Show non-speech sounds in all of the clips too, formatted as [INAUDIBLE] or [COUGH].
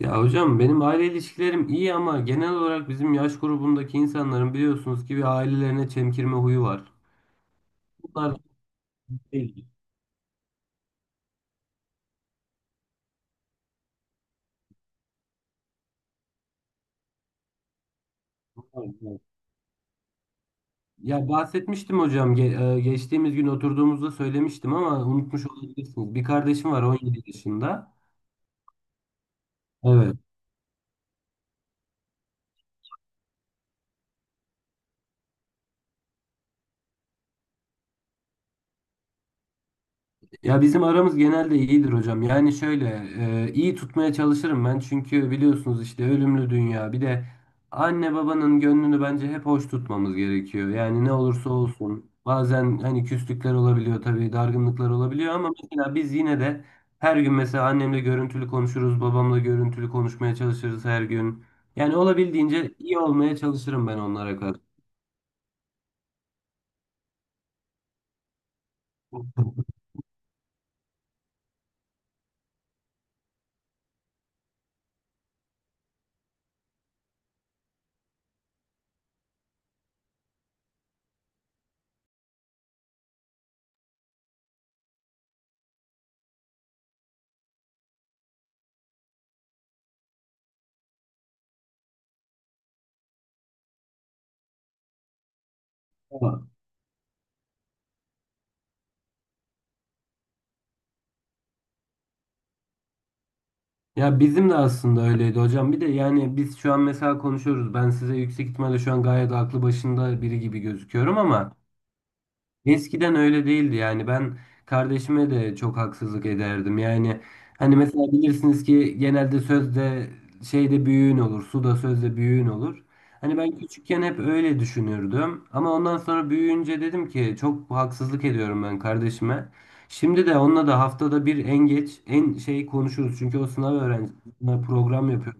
Ya hocam benim aile ilişkilerim iyi ama genel olarak bizim yaş grubundaki insanların biliyorsunuz ki bir ailelerine çemkirme huyu var. Bunlar değil. Ya bahsetmiştim hocam geçtiğimiz gün oturduğumuzda söylemiştim ama unutmuş olabilirsiniz. Bir kardeşim var 17 yaşında. Evet. Ya bizim aramız genelde iyidir hocam. Yani şöyle iyi tutmaya çalışırım ben. Çünkü biliyorsunuz işte ölümlü dünya. Bir de anne babanın gönlünü bence hep hoş tutmamız gerekiyor. Yani ne olursa olsun. Bazen hani küslükler olabiliyor tabii, dargınlıklar olabiliyor ama mesela biz yine de her gün mesela annemle görüntülü konuşuruz, babamla görüntülü konuşmaya çalışırız her gün. Yani olabildiğince iyi olmaya çalışırım ben onlara karşı. Ya bizim de aslında öyleydi hocam. Bir de yani biz şu an mesela konuşuyoruz. Ben size yüksek ihtimalle şu an gayet aklı başında biri gibi gözüküyorum ama eskiden öyle değildi yani ben kardeşime de çok haksızlık ederdim yani hani mesela bilirsiniz ki genelde sözde şeyde büyüğün olur suda sözde büyüğün olur. Hani ben küçükken hep öyle düşünürdüm ama ondan sonra büyüyünce dedim ki çok haksızlık ediyorum ben kardeşime. Şimdi de onunla da haftada bir en geç en şey konuşuruz çünkü o sınav öğrencisi, sınav program yapıyor.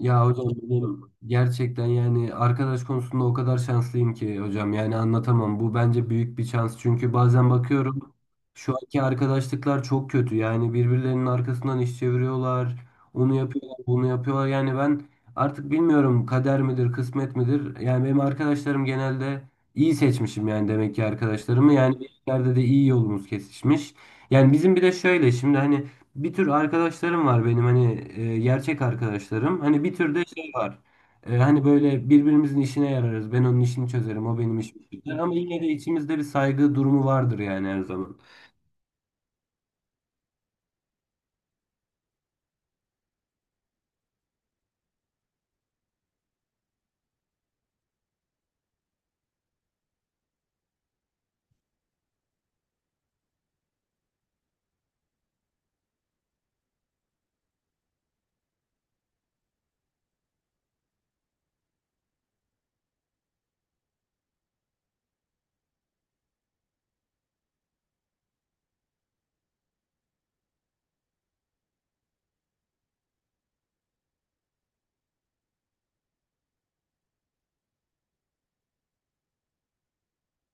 Ya hocam benim gerçekten yani arkadaş konusunda o kadar şanslıyım ki hocam yani anlatamam. Bu bence büyük bir şans çünkü bazen bakıyorum şu anki arkadaşlıklar çok kötü. Yani birbirlerinin arkasından iş çeviriyorlar. Onu yapıyorlar, bunu yapıyorlar. Yani ben artık bilmiyorum, kader midir, kısmet midir? Yani benim arkadaşlarım genelde iyi seçmişim yani demek ki arkadaşlarımı. Yani bir yerde de iyi yolumuz kesişmiş. Yani bizim bir de şöyle şimdi hani bir tür arkadaşlarım var benim hani gerçek arkadaşlarım. Hani bir tür de şey var. Hani böyle birbirimizin işine yararız. Ben onun işini çözerim, o benim işimi çözer. Ama yine de içimizde bir saygı durumu vardır yani her zaman.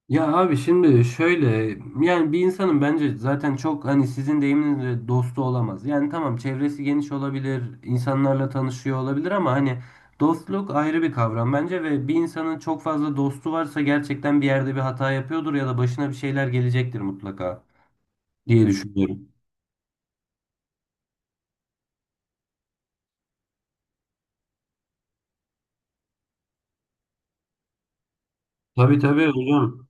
Ya abi şimdi şöyle, yani bir insanın bence zaten çok hani sizin deyiminizle dostu olamaz. Yani tamam, çevresi geniş olabilir, insanlarla tanışıyor olabilir ama hani dostluk ayrı bir kavram bence ve bir insanın çok fazla dostu varsa gerçekten bir yerde bir hata yapıyordur ya da başına bir şeyler gelecektir mutlaka diye düşünüyorum. Tabii tabii hocam.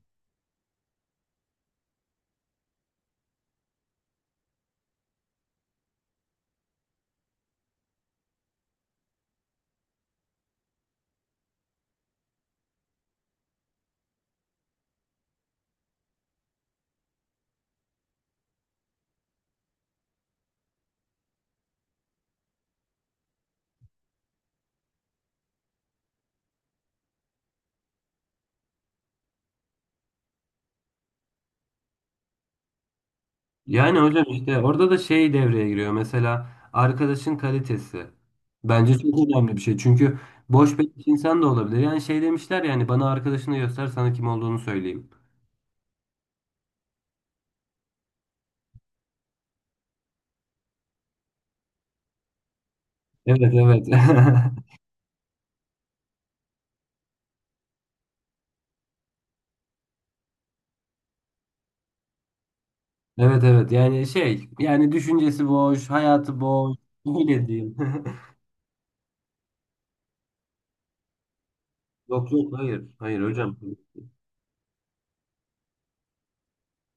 Yani hocam işte orada da şey devreye giriyor. Mesela arkadaşın kalitesi. Bence çok önemli bir şey. Çünkü boş beleş insan da olabilir. Yani şey demişler, yani bana arkadaşını göster sana kim olduğunu söyleyeyim. Evet evet. [LAUGHS] Evet evet. Yani şey, yani düşüncesi boş, hayatı boş. Öyle diyeyim. [LAUGHS] Yok yok, hayır. Hayır hocam.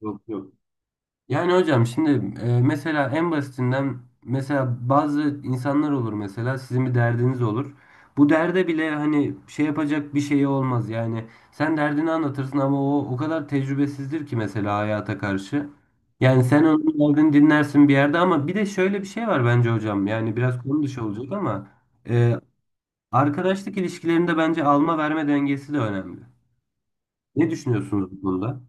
Yok yok. Yani hocam şimdi mesela en basitinden mesela bazı insanlar olur, mesela sizin bir derdiniz olur. Bu derde bile hani şey yapacak bir şeyi olmaz yani. Sen derdini anlatırsın ama o kadar tecrübesizdir ki mesela hayata karşı. Yani sen onun derdini dinlersin bir yerde ama bir de şöyle bir şey var bence hocam. Yani biraz konu dışı olacak ama e, arkadaşlık ilişkilerinde bence alma verme dengesi de önemli. Ne düşünüyorsunuz bu konuda?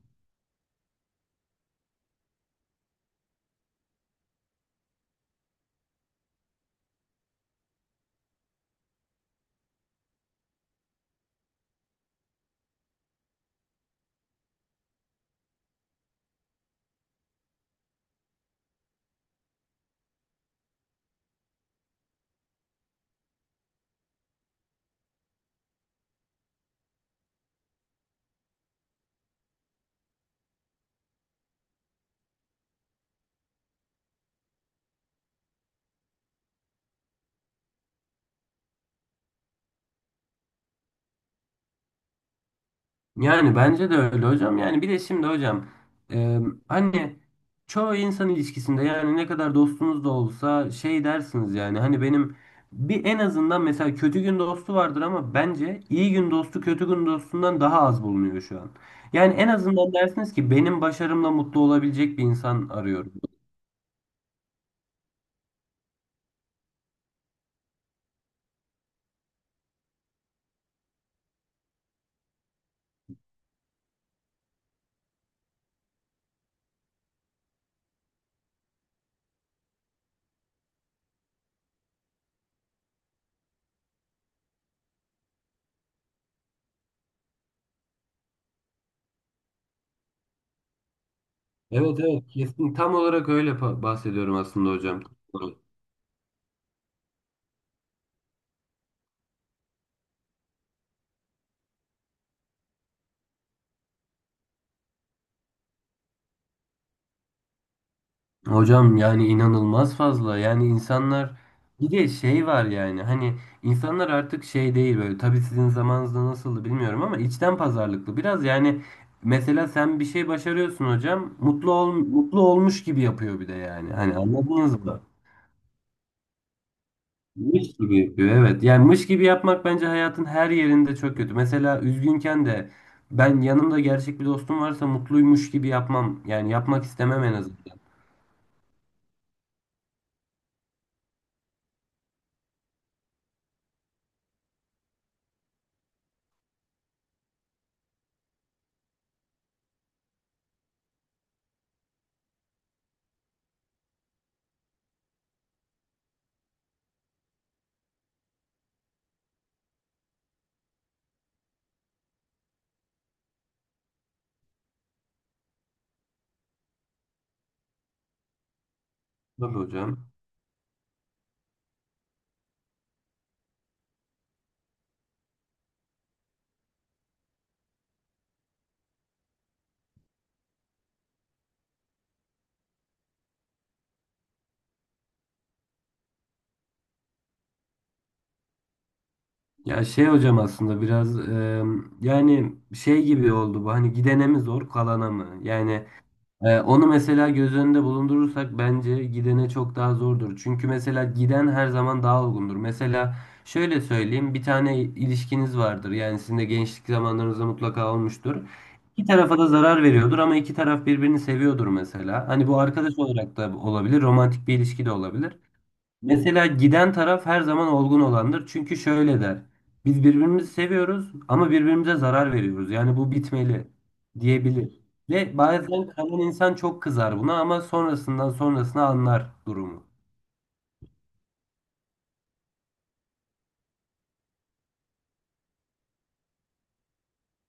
Yani bence de öyle hocam. Yani bir de şimdi hocam, e, hani çoğu insan ilişkisinde yani ne kadar dostunuz da olsa şey dersiniz, yani hani benim bir en azından mesela kötü gün dostu vardır ama bence iyi gün dostu kötü gün dostundan daha az bulunuyor şu an. Yani en azından dersiniz ki benim başarımla mutlu olabilecek bir insan arıyorum. Evet evet, kesin tam olarak öyle bahsediyorum aslında hocam. Hocam yani inanılmaz fazla. Yani insanlar, bir de şey var yani hani insanlar artık şey değil böyle, tabii sizin zamanınızda nasıldı bilmiyorum ama içten pazarlıklı biraz yani mesela sen bir şey başarıyorsun hocam, mutlu ol, mutlu olmuş gibi yapıyor bir de, yani hani anladınız mı? Mış gibi yapıyor evet, yani mış gibi yapmak bence hayatın her yerinde çok kötü. Mesela üzgünken de ben yanımda gerçek bir dostum varsa mutluymuş gibi yapmam, yani yapmak istemem en azından. Tabii hocam. Ya şey hocam aslında biraz yani şey gibi oldu bu, hani gidene mi zor kalana mı? Yani onu mesela göz önünde bulundurursak bence gidene çok daha zordur. Çünkü mesela giden her zaman daha olgundur. Mesela şöyle söyleyeyim, bir tane ilişkiniz vardır yani, sizin de gençlik zamanlarınızda mutlaka olmuştur. İki tarafa da zarar veriyordur ama iki taraf birbirini seviyordur mesela. Hani bu arkadaş olarak da olabilir, romantik bir ilişki de olabilir. Mesela giden taraf her zaman olgun olandır. Çünkü şöyle der: biz birbirimizi seviyoruz ama birbirimize zarar veriyoruz. Yani bu bitmeli diyebilir. Ve bazen kalan insan çok kızar buna ama sonrasından sonrasına anlar durumu.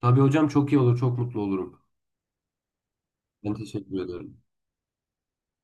Tabii hocam, çok iyi olur, çok mutlu olurum. Ben teşekkür ederim.